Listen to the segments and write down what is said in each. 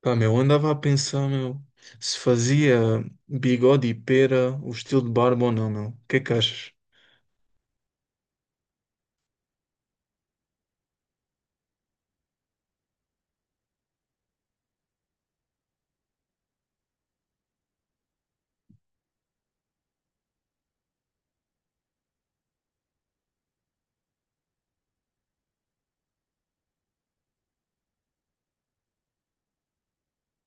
Pá, meu, andava a pensar, meu, se fazia bigode e pera o estilo de barba ou não, meu. O que é que achas?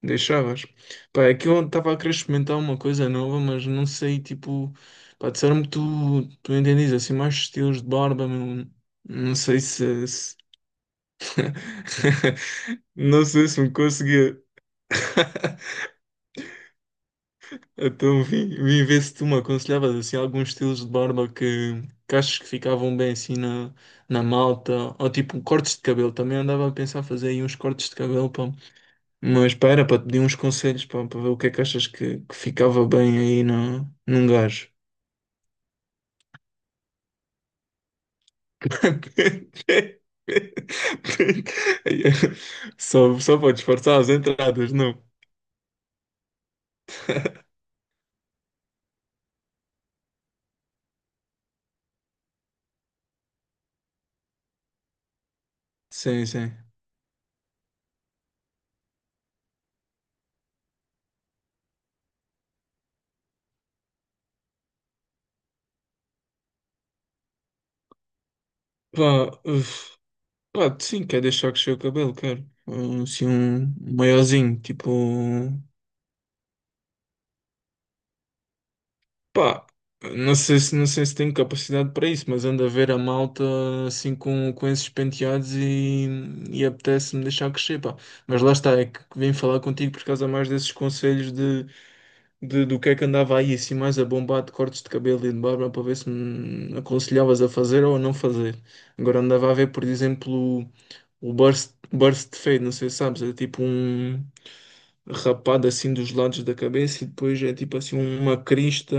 Deixavas? Pá, é que eu estava a querer experimentar uma coisa nova, mas não sei, tipo, pá, disseram-me que tu entendes assim mais estilos de barba, meu. Não sei se, não sei se me conseguia. Então vim ver se tu me aconselhavas assim, alguns estilos de barba que achas que ficavam bem assim na, na malta, ou tipo cortes de cabelo. Também andava a pensar fazer aí uns cortes de cabelo, pá. Mas pá, era para te pedir uns conselhos pá, para ver o que é que achas que ficava bem aí na, num gajo. Só para disfarçar as entradas, não? Sim, sim. Pá, uf. Pá, sim, quer deixar crescer o cabelo, quero. Assim, um maiozinho, tipo. Pá, não sei se, não sei se tenho capacidade para isso, mas ando a ver a malta assim com esses penteados e apetece-me deixar crescer, pá. Mas lá está, é que vim falar contigo por causa mais desses conselhos de, do que é que andava aí, assim, mais a bombar de cortes de cabelo e de barba para ver se me aconselhavas a fazer ou a não fazer. Agora andava a ver, por exemplo, o burst fade, não sei se sabes, é tipo um rapado assim dos lados da cabeça e depois é tipo assim uma crista.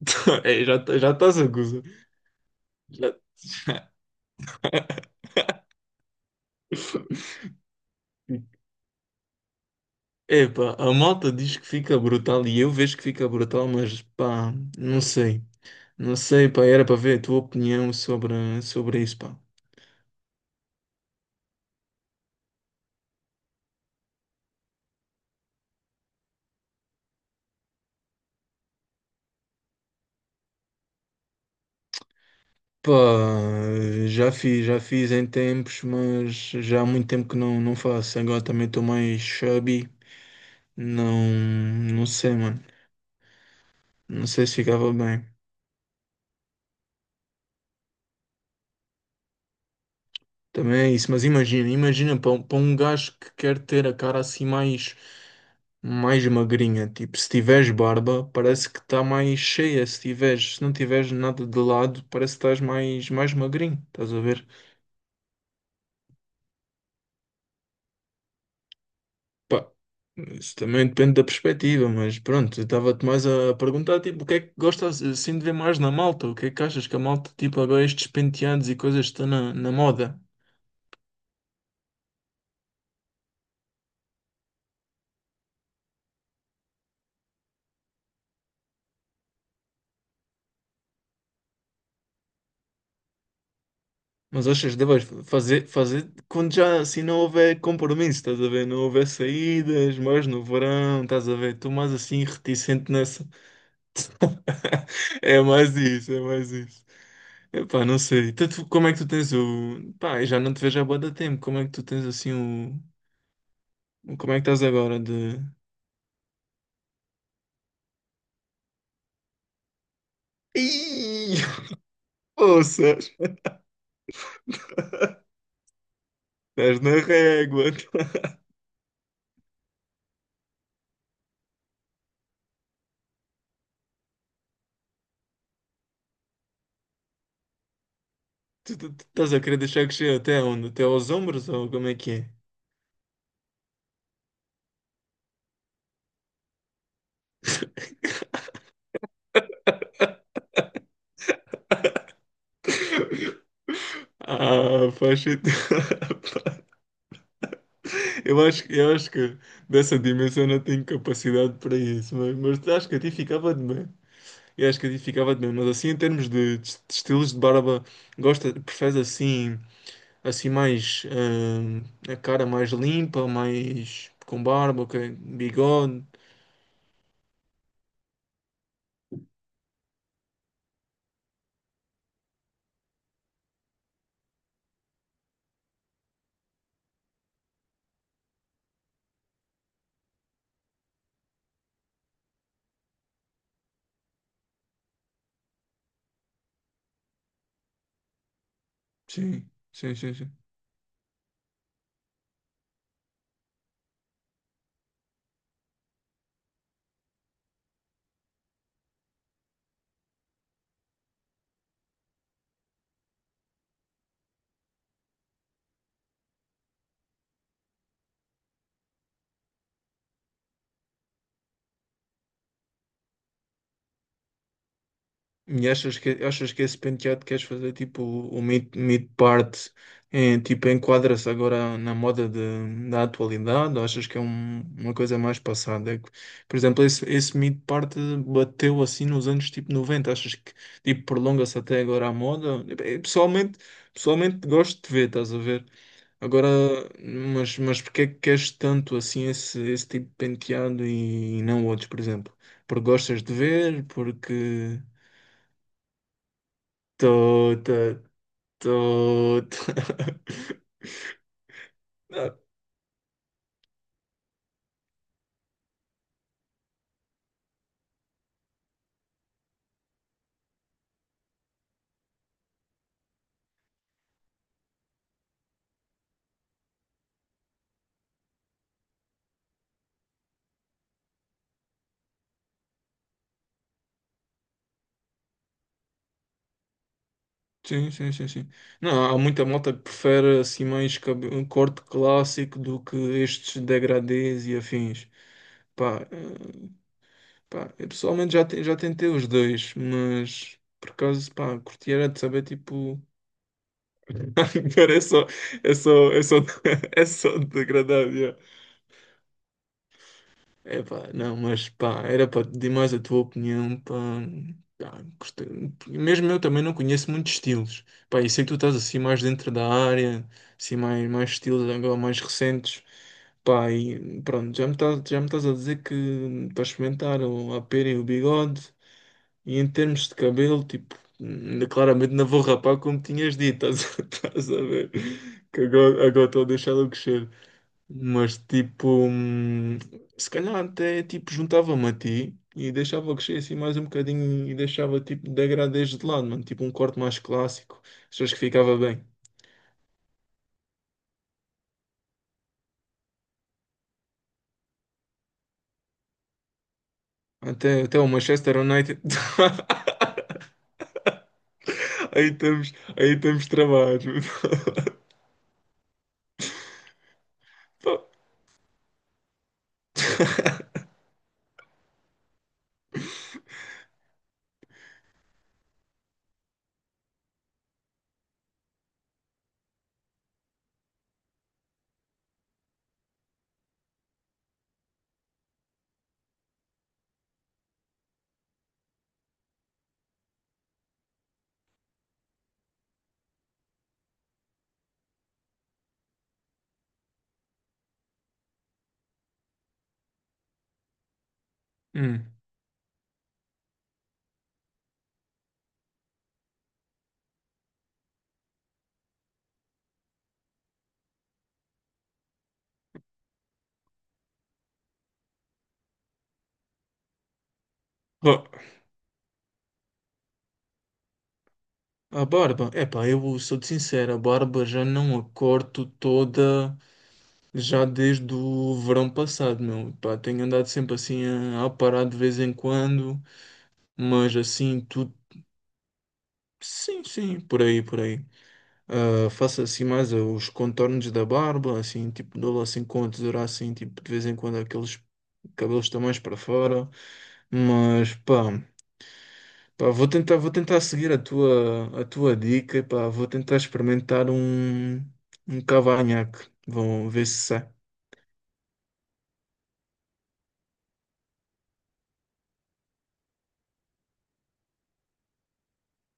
É, já, já estás a gozar. Já- Epá, a malta diz que fica brutal e eu vejo que fica brutal, mas pá, não sei. Não sei, pá, era para ver a tua opinião sobre, sobre isso, pá. Pá, já fiz em tempos, mas já há muito tempo que não, não faço. Agora também estou mais chubby. Não, não sei, mano. Não sei se ficava bem. Também é isso, mas imagina, imagina para um gajo que quer ter a cara assim mais, mais magrinha, tipo, se tiveres barba, parece que está mais cheia, se tiveres, se não tiveres nada de lado, parece que estás mais, mais magrinho, estás a ver? Pá, isso também depende da perspectiva, mas pronto, eu estava-te mais a perguntar, tipo, o que é que gostas assim de ver mais na malta? O que é que achas que a malta, tipo, agora estes penteados e coisas que estão na, na moda? Mas achas que deves fazer, fazer quando já assim não houver compromisso, estás a ver? Não houver saídas, mais no verão, estás a ver? Estou mais assim reticente nessa. É mais isso, é mais isso. Epá, não sei. Então, como é que tu tens o. Pá, eu já não te vejo há bué de tempo. Como é que tu tens assim o. Como é que estás agora de. Ih, poças! Estás na régua! Tu, tu estás a querer deixar crescer até onde? Até aos ombros ou como é que é? Ah, faz sentido. Eu acho que dessa dimensão não tenho capacidade para isso, mas acho que a ti ficava de bem. Eu acho que a ti ficava de bem, mas assim, em termos de estilos de barba, gosta, preferes assim, assim mais a cara mais limpa, mais com barba, ok? Bigode. Sim, sim, sim, sim. E achas que esse penteado queres fazer tipo o mid-part em, tipo enquadra-se agora na moda da atualidade ou achas que é uma coisa mais passada? É que, por exemplo, esse mid-part bateu assim nos anos tipo 90 achas que tipo prolonga-se até agora a moda? Pessoalmente, gosto de ver, estás a ver? Agora, mas porque é que queres tanto assim esse, esse tipo de penteado e não outros, por exemplo? Porque gostas de ver? Porque. Tô, tô, ah, sim, sim, sim, sim. Não, há muita malta que prefere assim mais um corte clássico do que estes degradês e afins. Pá, pá, eu pessoalmente já, já tentei os dois, mas por acaso, pá, curti era de saber, tipo, cara, é só, é só, é só, é só degradado. Epá, não, mas pá, era para pedir mais a tua opinião, pá. Pá, mesmo eu também não conheço muitos estilos, pá, e sei que tu estás assim mais dentro da área, assim mais, mais estilos agora mais recentes, pá, e pronto, já me estás a dizer que para experimentar o, a pera e o bigode, e em termos de cabelo, tipo, ainda claramente não vou rapar como tinhas dito, estás, a estás a ver, que agora estou a deixá-lo crescer. Mas tipo, se calhar até tipo juntava-me a ti e deixava crescer assim mais um bocadinho e deixava tipo degradês de lado, mano, tipo um corte mais clássico. Achas que ficava bem? Até, até o Manchester United. Aí estamos travados. Pô. Hum. Pô, a barba, epá, eu sou sincero, a barba já não a corto toda. Já desde o verão passado, meu. Pá, tenho andado sempre assim a parar de vez em quando, mas assim, tudo. Sim, sim, por aí, por aí. Ah, faço assim mais os contornos da barba, assim, tipo, dou lá assim com a tesoura, assim, tipo, de vez em quando aqueles cabelos estão mais para fora, mas pá. Pá, vou tentar seguir a tua dica, pá, vou tentar experimentar um, um cavanhaque. Vão ver se sai.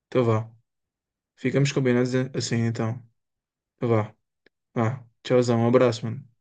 Então vá. Ficamos combinados assim então. Vá. Ah, tchauzão, um abraço, mano.